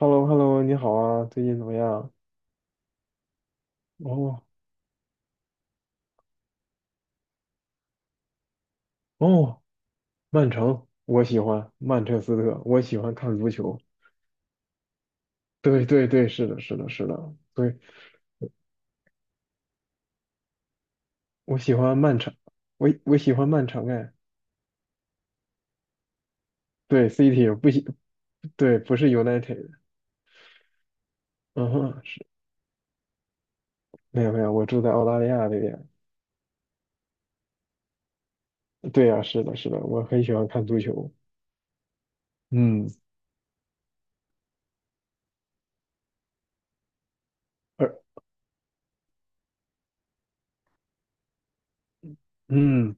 Hello hello 你好啊，最近怎么样？哦哦，曼城，我喜欢曼彻斯特，我喜欢看足球。对对对，是的，是的，是的，对，我喜欢曼城，我喜欢曼城哎，对，City 不喜，对，不是 United，嗯哼，是，没有没有，我住在澳大利亚这边，对呀、是的，是的，我很喜欢看足球，嗯，而嗯，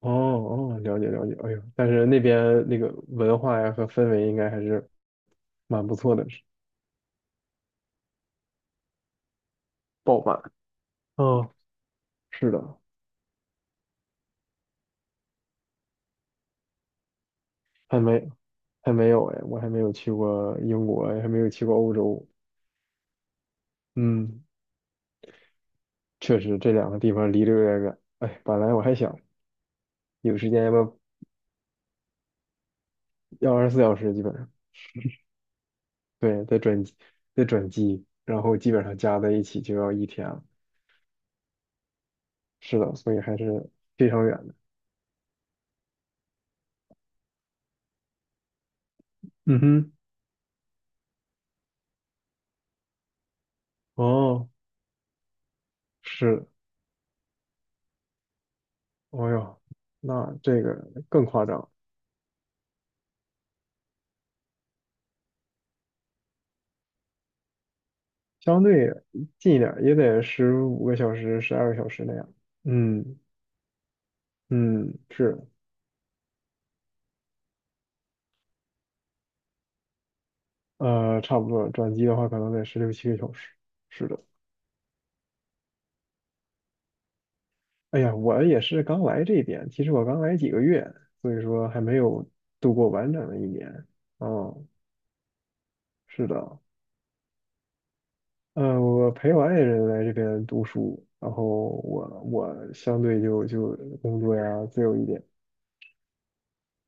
哦哦，了解了解，哎呦，但是那边那个文化呀和氛围应该还是蛮不错的，是爆满。嗯，是的，还没还没有哎，我还没有去过英国，还没有去过欧洲。嗯，确实这两个地方离得有点远。哎，本来我还想有时间要不要要24小时，基本上对，再转机，然后基本上加在一起就要一天了。是的，所以还是非常远的。嗯哼，哦，是，哦哟，那这个更夸张，相对近一点儿也得15个小时、12个小时那样。嗯嗯，是。差不多，转机的话可能得十六七个小时。是的，哎呀，我也是刚来这边，其实我刚来几个月，所以说还没有度过完整的一年。嗯，是的，嗯，我陪我爱人来这边读书，然后我相对就工作呀自由一点。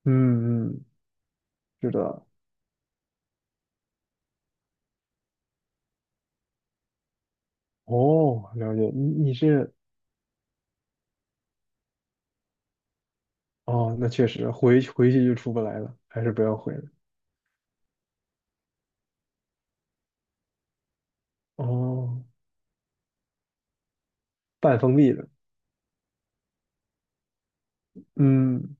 嗯嗯，是的。哦，了解，你是哦，那确实回去就出不来了，还是不要回了。哦，半封闭的，嗯。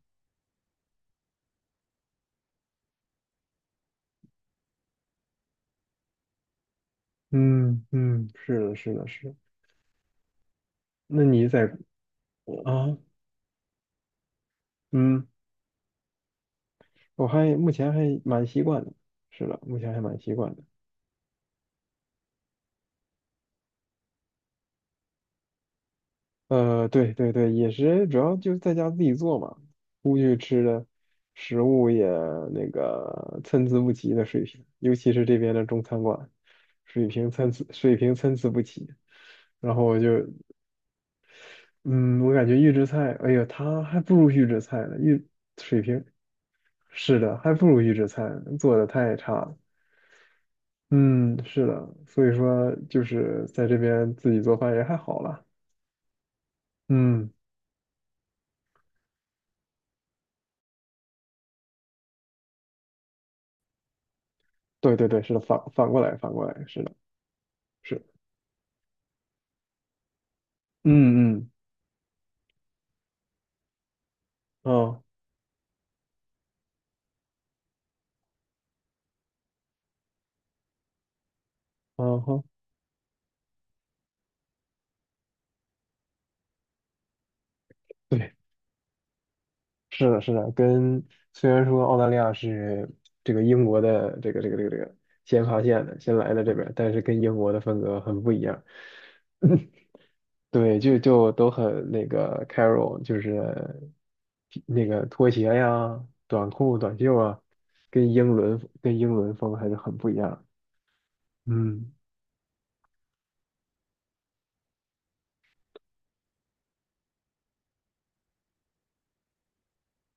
嗯嗯，是的，是的，是的那你在啊？嗯，我还目前还蛮习惯的。是的，目前还蛮习惯的。呃，对对对，也是，主要就是在家自己做嘛，食物也那个参差不齐的水平，尤其是这边的中餐馆，水平参差不齐。然后我就，嗯，我感觉预制菜，哎呀，它还不如预制菜呢，预水平，是的，还不如预制菜呢，做的太差了。嗯，是的，所以说就是在这边自己做饭也还好啦。嗯，对对对，是的，反过来，反过来，是的，是，嗯嗯，哦，哦吼，对，是的，是的，虽然说澳大利亚是这个英国的这个先发现的，先来的这边，但是跟英国的风格很不一样。对，就都很那个 c a r o 就是那个拖鞋呀、短裤、短袖啊，跟英伦风还是很不一样。嗯，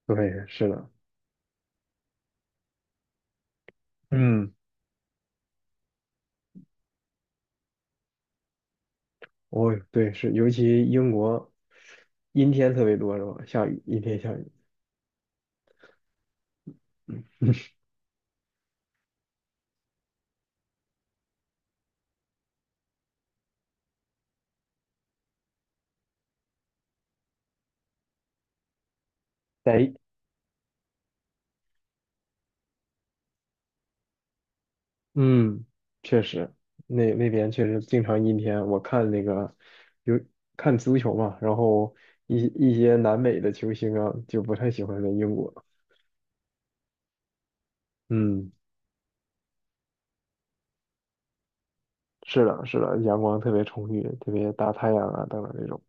对，是的，嗯，我对是，尤其英国阴天特别多是吧？下雨，阴天下雨，在嗯，确实，那边确实经常阴天。我看那个有看足球嘛，然后一些南美的球星啊，就不太喜欢在英国。嗯。是的，是的，阳光特别充裕，特别大太阳啊等等这种。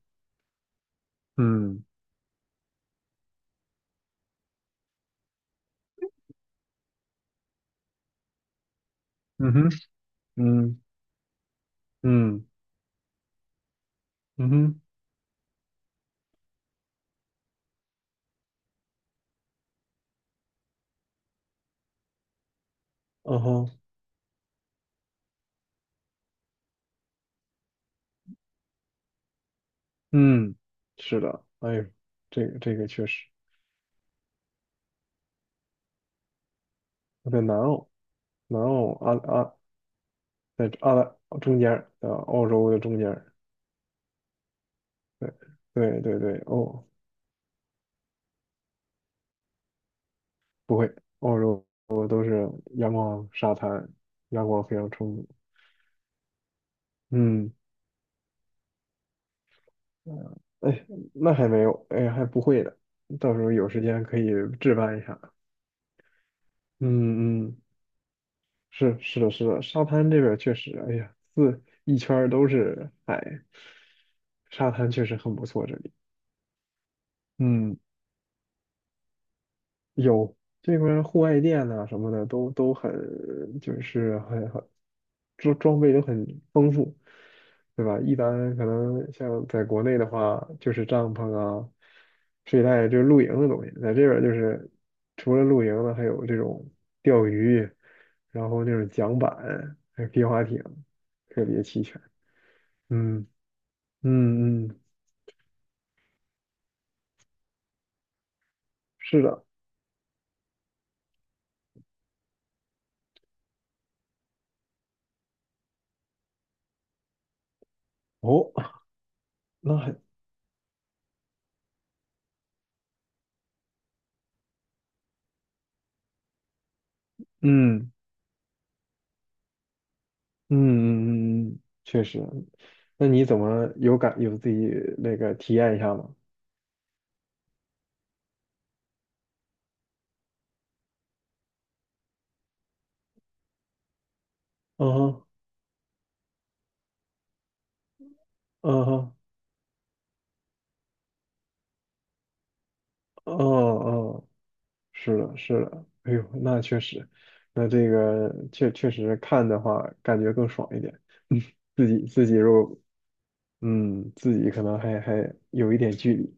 嗯嗯哼，嗯嗯嗯哼，嗯哼，嗯，是的，哎呦这个这个确实我在南澳，南澳啊啊，在澳大中间啊，澳洲的中间儿对对对对，哦，不会，澳洲都是阳光沙滩，阳光非常充足。嗯，嗯哎，那还没有，哎，还不会的，到时候有时间可以置办一下。嗯嗯。是是的，是的，沙滩这边儿确实，哎呀，四一圈儿都是海，沙滩确实很不错。这里，嗯，有这边户外店呐、什么的都很，就是很很装备都很丰富，对吧？一般可能像在国内的话，就是帐篷啊、睡袋，就是露营的东西，在这边儿就是除了露营的，还有这种钓鱼，然后那种桨板，还有皮划艇，特别齐全。嗯嗯嗯，是的，哦，那还，嗯嗯嗯嗯，嗯，确实，那你怎么有感有自己那个体验一下吗？嗯哼，嗯哼，哦哦，是的，是的，哎呦，那确实，那这个确实看的话，感觉更爽一点，嗯，自己如果，嗯，自己可能还有一点距离，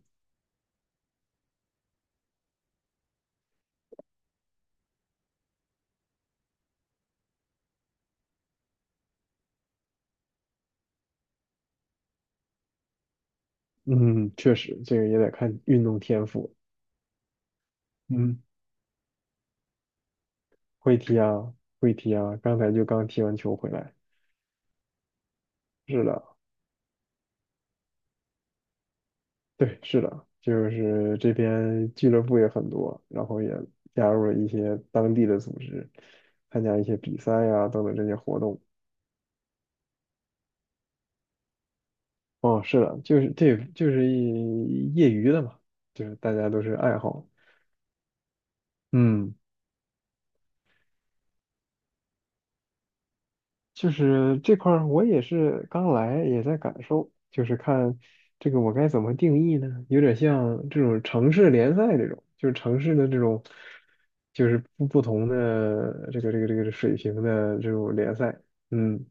嗯，确实，这个也得看运动天赋，嗯。会踢啊，会踢啊，刚才就刚踢完球回来。是的，对，是的，就是这边俱乐部也很多，然后也加入了一些当地的组织，参加一些比赛呀、等等这些活动。哦，是的，就是这就是一业余的嘛，就是大家都是爱好。嗯。就是这块儿我也是刚来，也在感受，就是看这个我该怎么定义呢？有点像这种城市联赛这种，就是城市的这种，就是不同的这个水平的这种联赛。嗯，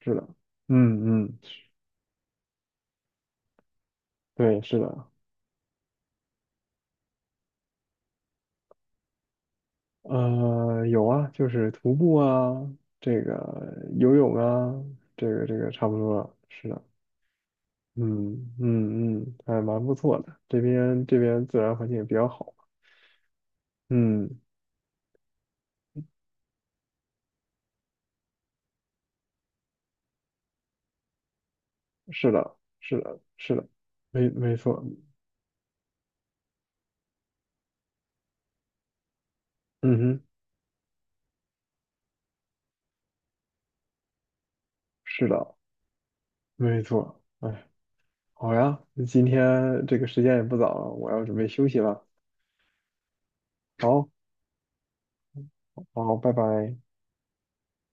是的，嗯嗯，对，是的，有啊，就是徒步啊，这个游泳啊，这个这个差不多了，是的。嗯嗯嗯，还蛮不错的。这边自然环境也比较好。嗯，是的，是的，是的，没错，嗯哼，是的，没错。哎，好呀，今天这个时间也不早了，我要准备休息了。好，好，拜拜。